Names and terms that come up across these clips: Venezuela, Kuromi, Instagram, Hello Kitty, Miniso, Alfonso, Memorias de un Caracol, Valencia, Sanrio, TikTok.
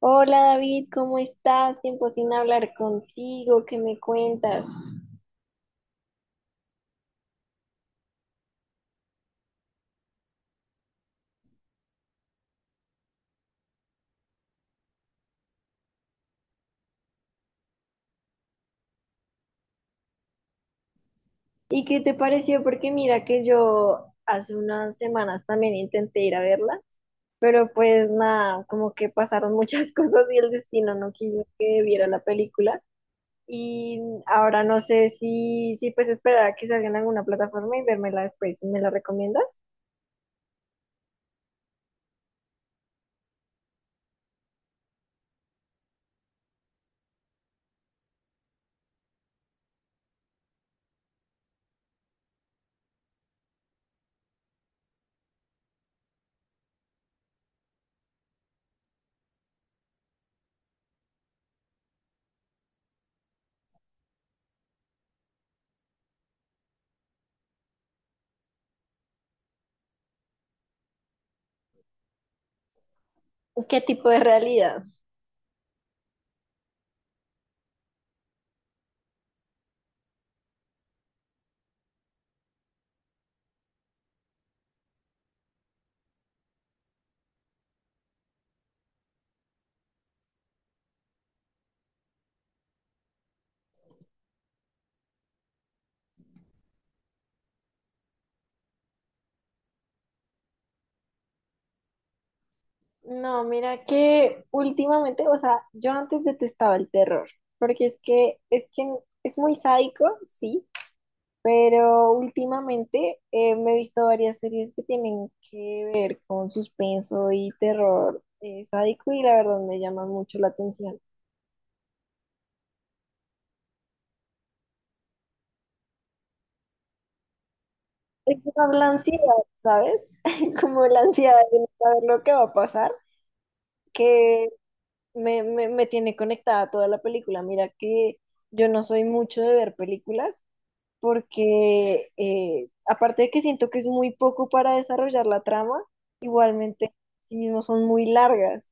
Hola David, ¿cómo estás? Tiempo sin hablar contigo, ¿qué me cuentas? ¿Y qué te pareció? Porque mira que yo hace unas semanas también intenté ir a verla, pero pues nada, como que pasaron muchas cosas y el destino no quiso que viera la película. Y ahora no sé si pues esperar a que salga en alguna plataforma y vérmela después. Si ¿Me la recomiendas? ¿Qué tipo de realidad? No, mira que últimamente, o sea, yo antes detestaba el terror, porque es que es muy sádico, sí, pero últimamente me he visto varias series que tienen que ver con suspenso y terror sádico y la verdad me llama mucho la atención. Es más la ansiedad, ¿sabes? Como la ansiedad de no saber lo que va a pasar, que me tiene conectada toda la película. Mira que yo no soy mucho de ver películas porque aparte de que siento que es muy poco para desarrollar la trama, igualmente sí mismo son muy largas.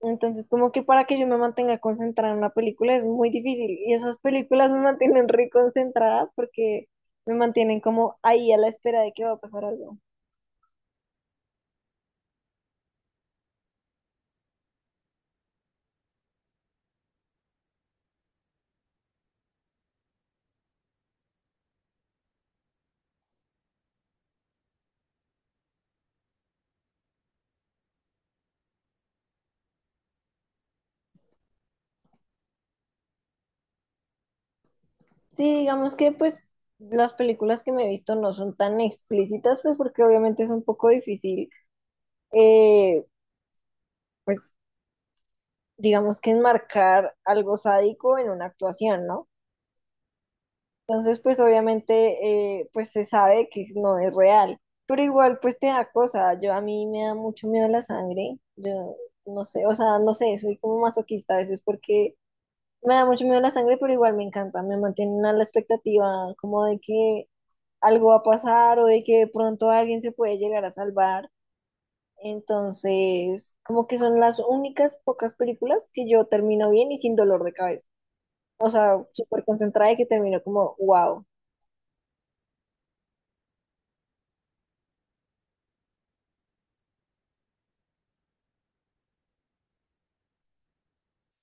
Entonces, como que para que yo me mantenga concentrada en una película es muy difícil. Y esas películas me mantienen re concentrada porque me mantienen como ahí a la espera de que va a pasar algo. Sí, digamos que pues las películas que me he visto no son tan explícitas, pues porque obviamente es un poco difícil, eh, pues digamos que enmarcar algo sádico en una actuación, ¿no? Entonces, pues obviamente, pues se sabe que no es real, pero igual, pues te da cosa. Yo a mí me da mucho miedo la sangre. Yo no sé, o sea, no sé, soy como masoquista a veces porque me da mucho miedo la sangre, pero igual me encanta. Me mantienen a la expectativa como de que algo va a pasar o de que de pronto alguien se puede llegar a salvar. Entonces, como que son las únicas pocas películas que yo termino bien y sin dolor de cabeza. O sea, súper concentrada y que termino como, wow.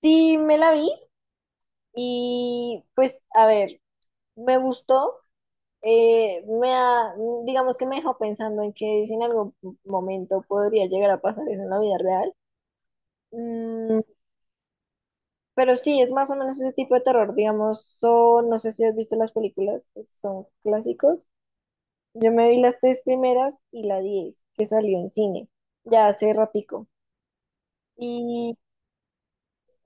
Sí, me la vi. Y pues, a ver, me gustó, eh, me ha- digamos que me dejó pensando en que si en algún momento podría llegar a pasar eso en la vida real. Mm, pero sí, es más o menos ese tipo de terror, digamos, son, no sé si has visto las películas, que son clásicos. Yo me vi las tres primeras y la diez, que salió en cine, ya hace ratico. Y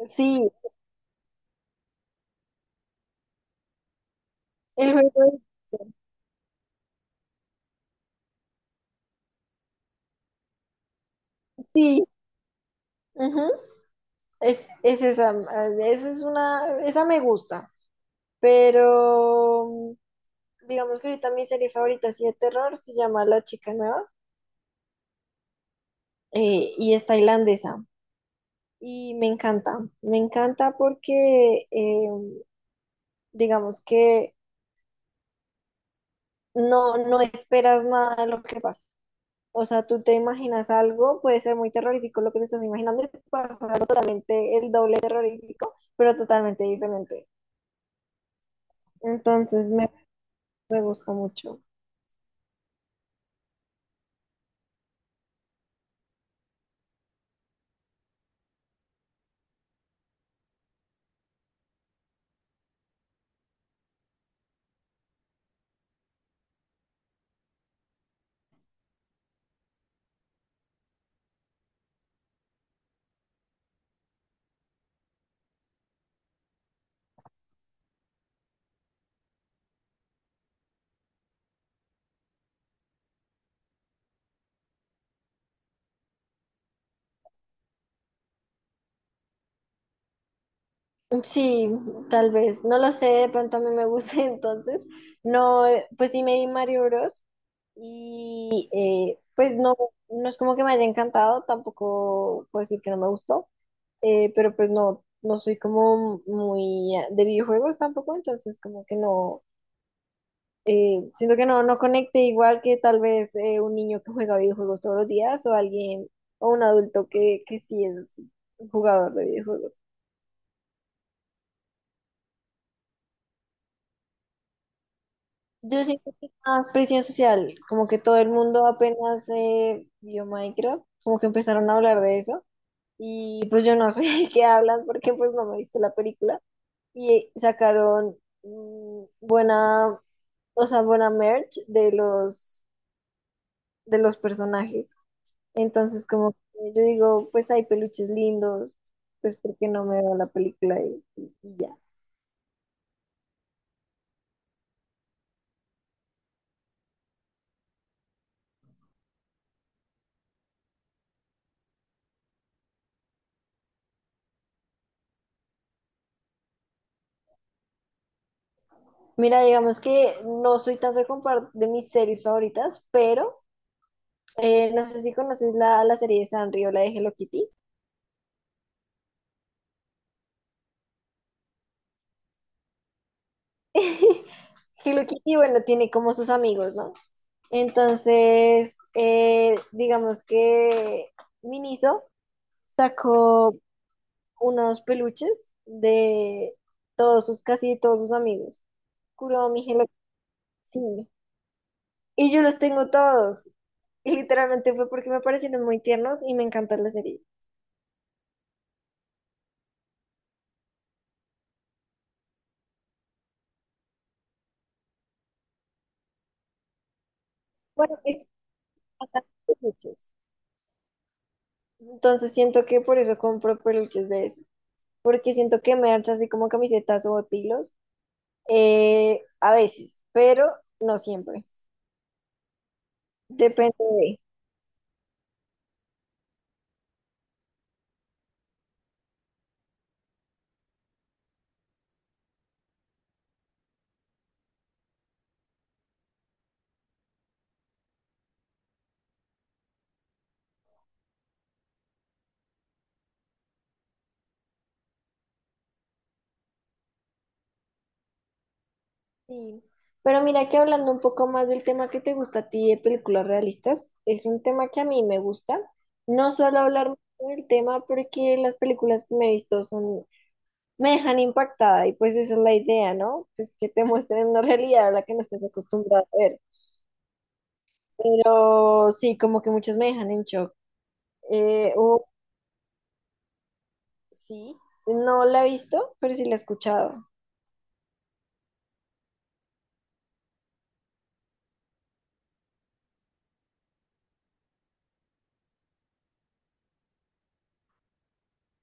sí, el juego, sí, ujú. Es, es esa, esa es una, esa me gusta. Pero digamos que ahorita mi serie favorita así de terror se llama La Chica Nueva, y es tailandesa. Y me encanta porque digamos que no esperas nada de lo que pasa. O sea, tú te imaginas algo, puede ser muy terrorífico lo que te estás imaginando, y pasa algo totalmente el doble terrorífico, pero totalmente diferente. Entonces me, me gusta mucho. Sí, tal vez, no lo sé, de pronto a mí me gusta entonces, no, pues sí me vi Mario Bros y pues no, no es como que me haya encantado, tampoco puedo decir que no me gustó, pero pues no, no soy como muy de videojuegos tampoco, entonces como que no, siento que no conecte igual que tal vez un niño que juega videojuegos todos los días o alguien o un adulto que sí es jugador de videojuegos. Yo siento que más presión social, como que todo el mundo apenas vio Minecraft, como que empezaron a hablar de eso y pues yo no sé de qué hablan porque pues no me he visto la película y sacaron mm, buena, o sea, buena merch de los personajes. Entonces como que yo digo, pues hay peluches lindos, pues porque no me veo la película y ya. Mira, digamos que no soy tanto de de mis series favoritas, pero no sé si conoces la serie de Sanrio, la de Hello Kitty. Hello Kitty, bueno, tiene como sus amigos, ¿no? Entonces, digamos que Miniso sacó unos peluches de todos sus, casi todos sus amigos. Kuromi, Hello Kitty. Sí. Y yo los tengo todos. Y literalmente fue porque me parecieron muy tiernos y me encanta la serie. Bueno, es bastante peluches. Entonces siento que por eso compro peluches de eso, porque siento que merch, así como camisetas o botilos, a veces, pero no siempre. Depende de. Sí. Pero mira que hablando un poco más del tema que te gusta a ti de películas realistas, es un tema que a mí me gusta. No suelo hablar mucho del tema porque las películas que me he visto son, me dejan impactada y pues esa es la idea, ¿no? Pues que te muestren una realidad a la que no estés acostumbrada a ver. Pero sí, como que muchas me dejan en shock. Eh, Sí, no la he visto, pero sí la he escuchado.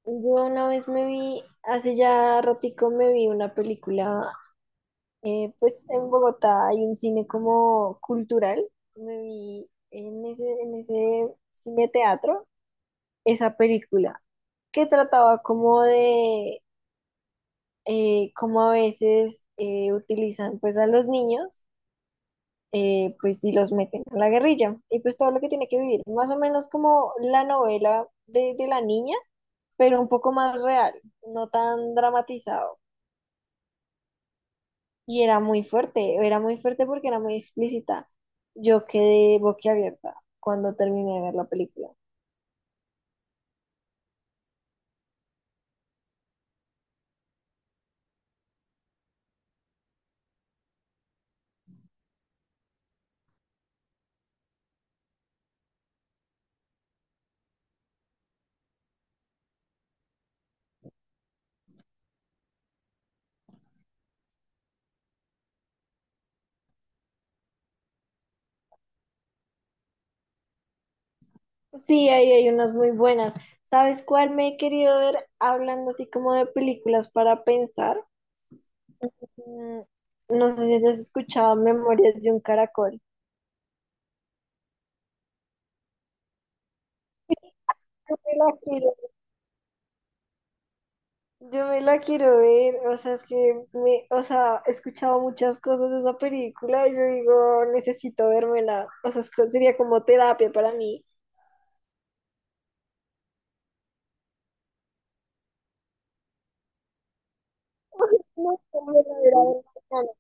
Yo una vez me vi, hace ya ratico me vi una película, pues en Bogotá hay un cine como cultural, me vi en en ese cine teatro esa película que trataba como de cómo a veces utilizan pues a los niños, pues si los meten a la guerrilla y pues todo lo que tiene que vivir, más o menos como la novela de la niña, pero un poco más real, no tan dramatizado. Y era muy fuerte porque era muy explícita. Yo quedé boquiabierta cuando terminé de ver la película. Sí, ahí hay unas muy buenas. ¿Sabes cuál me he querido ver hablando así como de películas para pensar? Mm, No sé si has escuchado Memorias de un Caracol. Yo me la quiero Yo me la quiero ver, o sea, es que me, o sea, he escuchado muchas cosas de esa película y yo digo, necesito vérmela, o sea, es sería como terapia para mí. No, no me la verá en semana.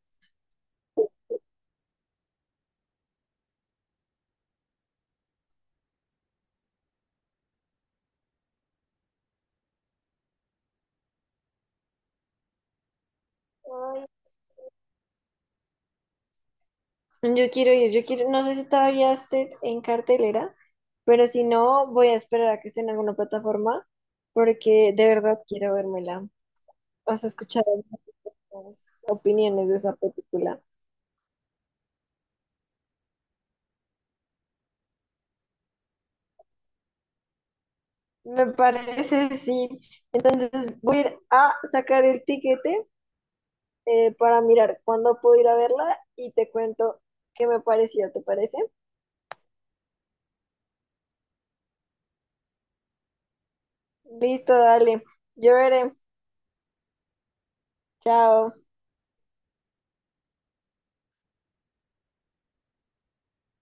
Ay, yo quiero ir, yo quiero, no sé si todavía esté en cartelera, pero si no, voy a esperar a que esté en alguna plataforma, porque de verdad quiero vérmela. O sea, he escuchado muchas opiniones de esa película. Me parece, sí. Entonces voy a ir a sacar el tiquete para mirar cuándo puedo ir a verla y te cuento qué me pareció, ¿te parece? Listo, dale. Yo veré. Chao.